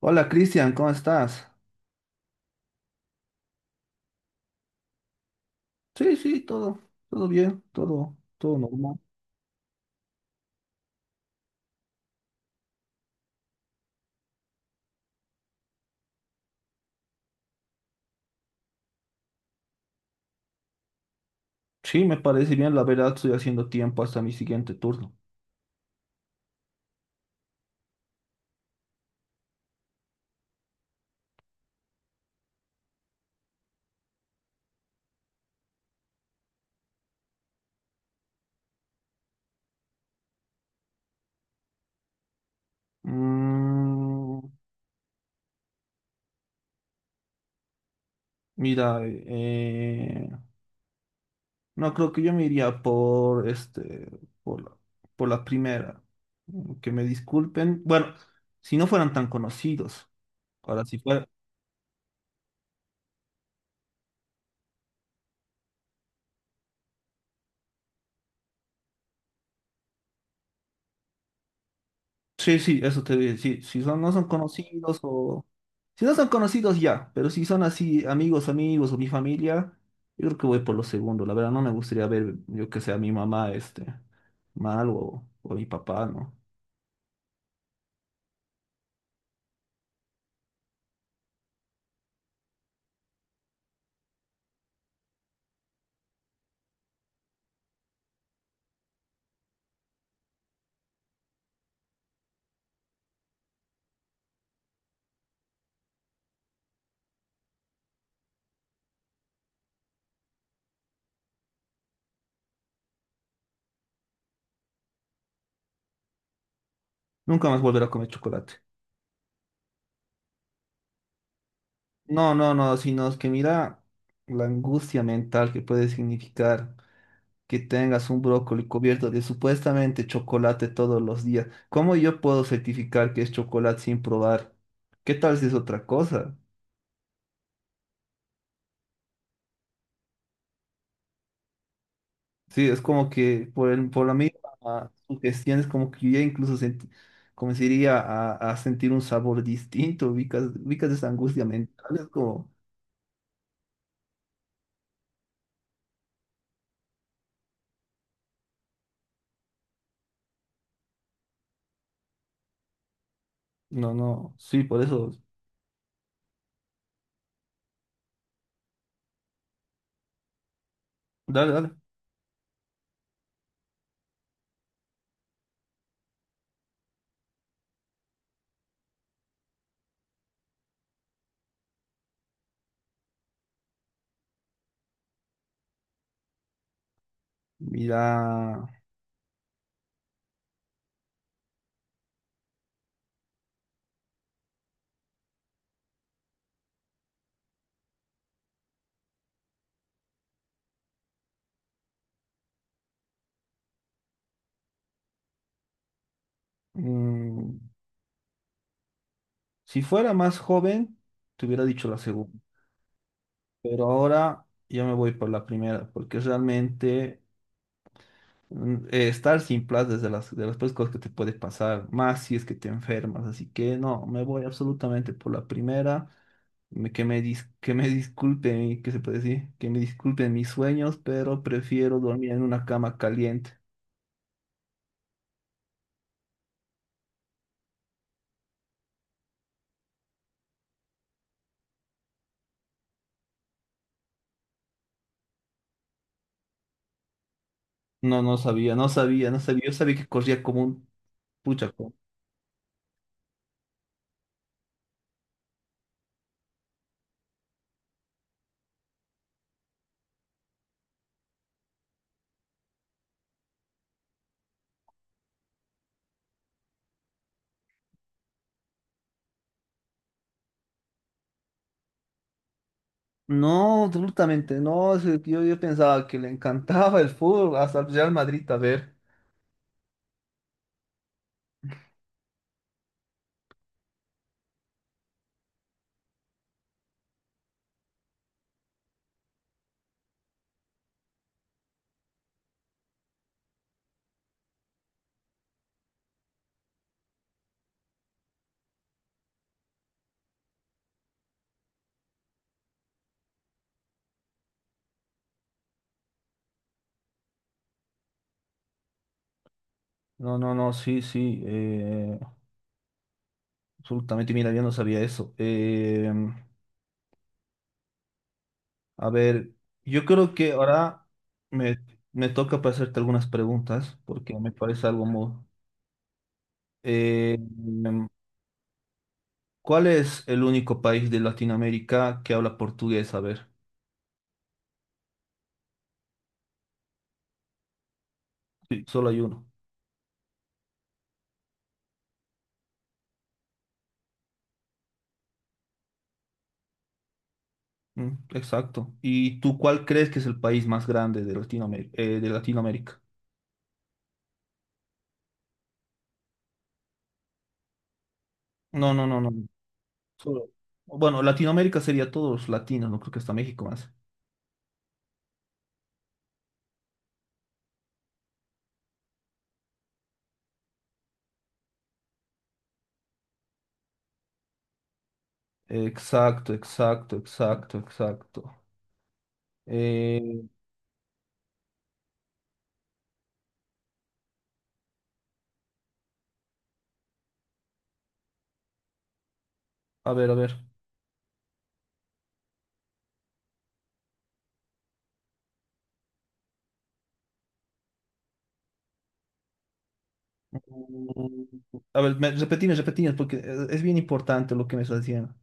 Hola Cristian, ¿cómo estás? Sí, sí, todo, todo bien, todo, todo normal. Sí, me parece bien, la verdad estoy haciendo tiempo hasta mi siguiente turno. Mm, mira, no creo que yo me iría por este, por la, por la primera. Mm, que me disculpen. Bueno, si no fueran tan conocidos. Ahora si fuera. Sí, sí, eso te voy a decir. ¿Si son, no son conocidos o si no son conocidos ya? Pero si son así amigos, amigos o mi familia, yo creo que voy por lo segundo. La verdad no me gustaría ver, yo que sea a mi mamá este mal o a mi papá, ¿no? Nunca más volver a comer chocolate. No, no, no, sino es que mira la angustia mental que puede significar que tengas un brócoli cubierto de supuestamente chocolate todos los días. ¿Cómo yo puedo certificar que es chocolate sin probar? ¿Qué tal si es otra cosa? Sí, es como que por, por la misma sugestión es como que yo ya incluso sentí, comenzaría a sentir un sabor distinto, ubicas, ubicas esa angustia mental, es como, no, no, sí, por eso, dale, dale. Mira, mm, si fuera más joven, te hubiera dicho la segunda, pero ahora yo me voy por la primera, porque realmente mm, estar sin plata es de las peores cosas que te puede pasar, más si es que te enfermas. Así que no, me voy absolutamente por la primera. Que me disculpen, ¿qué se puede decir? Que me disculpen mis sueños, pero prefiero dormir en una cama caliente. No, no sabía, no sabía, no sabía. Yo sabía que corría como un pucha. No, absolutamente no. Es que yo pensaba que le encantaba el fútbol, hasta el Real Madrid, a ver. No, no, no, sí, sí. Absolutamente, mira, yo no sabía eso. A ver, yo creo que ahora me, me toca para hacerte algunas preguntas, porque me parece algo muy... Eh, ¿cuál es el único país de Latinoamérica que habla portugués? A ver, sí, solo hay uno. Mm, exacto. ¿Y tú cuál crees que es el país más grande de Latinoamérica? ¿De Latinoamérica? No, no, no, no. No. Solo- bueno, Latinoamérica sería todos los latinos, no creo que hasta México más. Exacto, exacto, exacto, exacto. Eh, a ver, a ver. Mm, a ver, me, repetime, repetime, porque es bien importante lo que me estás diciendo.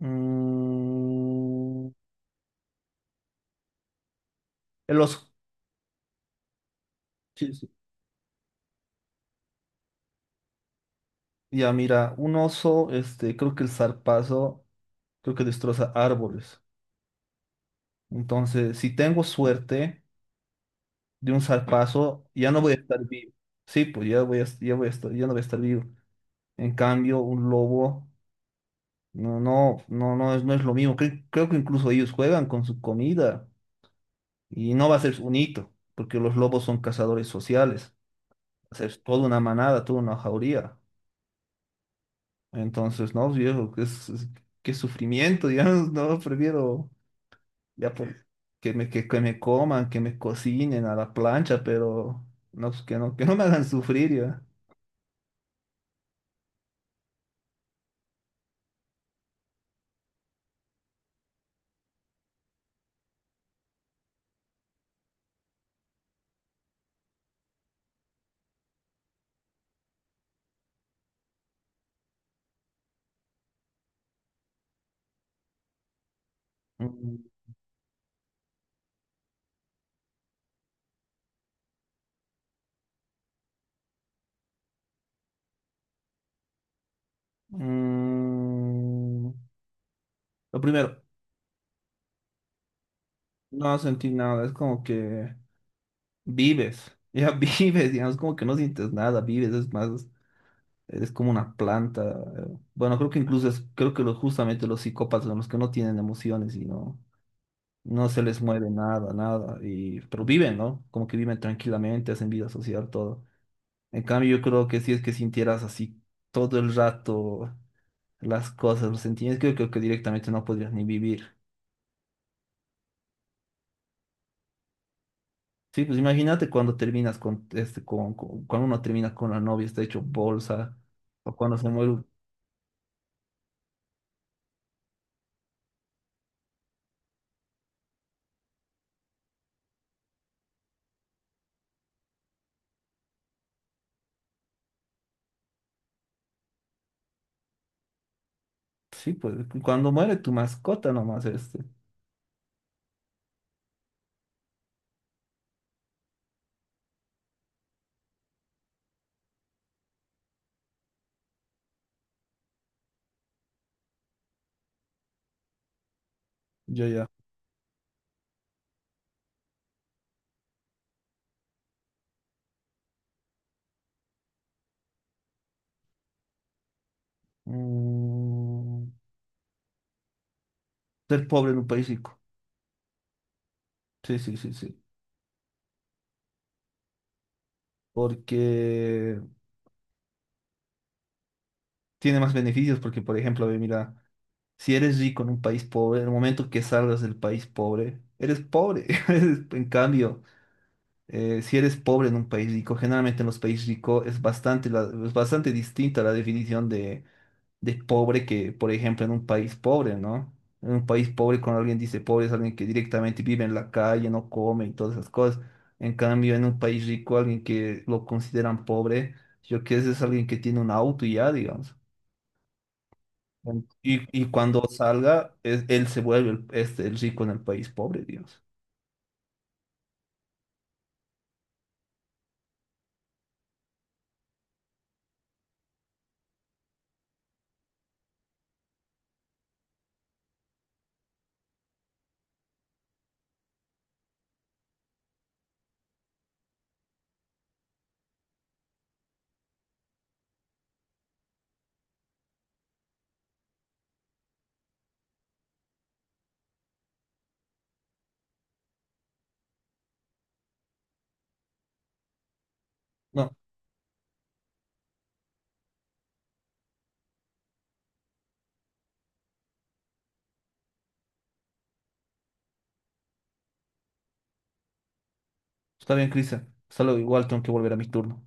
Mm, el oso. Sí, sí. Ya, mira, un oso, este, creo que el zarpazo, creo que destroza árboles. Entonces, si tengo suerte de un zarpazo, ya no voy a estar vivo. Sí, pues ya voy a estar, ya no voy a estar vivo. En cambio, un lobo, no, no, no, no es, no es lo mismo. Creo que incluso ellos juegan con su comida. Y no va a ser un hito, porque los lobos son cazadores sociales. Va a ser toda una manada, toda una jauría. Entonces, no, viejo, qué, qué sufrimiento, digamos, no, prefiero ya por- que me coman, que me cocinen a la plancha, pero no, pues, que no me hagan sufrir, ya. Mm, mm, lo primero, no sentí nada, es como que vives, ya vives, digamos, como que no sientes nada, vives, es más. Eres como una planta. Bueno, creo que incluso es, creo que justamente los psicópatas son los que no tienen emociones y no, no se les mueve nada, nada. Y, pero viven, ¿no? Como que viven tranquilamente, hacen vida social, todo. En cambio, yo creo que si es que sintieras así todo el rato las cosas, los sentimientos, creo, creo que directamente no podrías ni vivir. Sí, pues imagínate cuando terminas con este, cuando uno termina con la novia, está hecho bolsa, o cuando se muere, sí, pues cuando muere tu mascota nomás, este, yo ya. Mm, ser pobre en un país rico. Sí, sí, sí, sí. Porque tiene más beneficios, porque por ejemplo, ve, mira, si eres rico en un país pobre, en el momento que salgas del país pobre, eres pobre. Eres- en cambio, si eres pobre en un país rico, generalmente en los países ricos es bastante, es bastante distinta la definición de pobre que, por ejemplo, en un país pobre, ¿no? En un país pobre, cuando alguien dice pobre, es alguien que directamente vive en la calle, no come y todas esas cosas. En cambio, en un país rico, alguien que lo consideran pobre, yo qué sé, es alguien que tiene un auto y ya, digamos. Y cuando salga, es- él se vuelve el, este, el rico en el país pobre, digamos. No, está bien, Cristian. Hasta luego, igual tengo que volver a mi turno.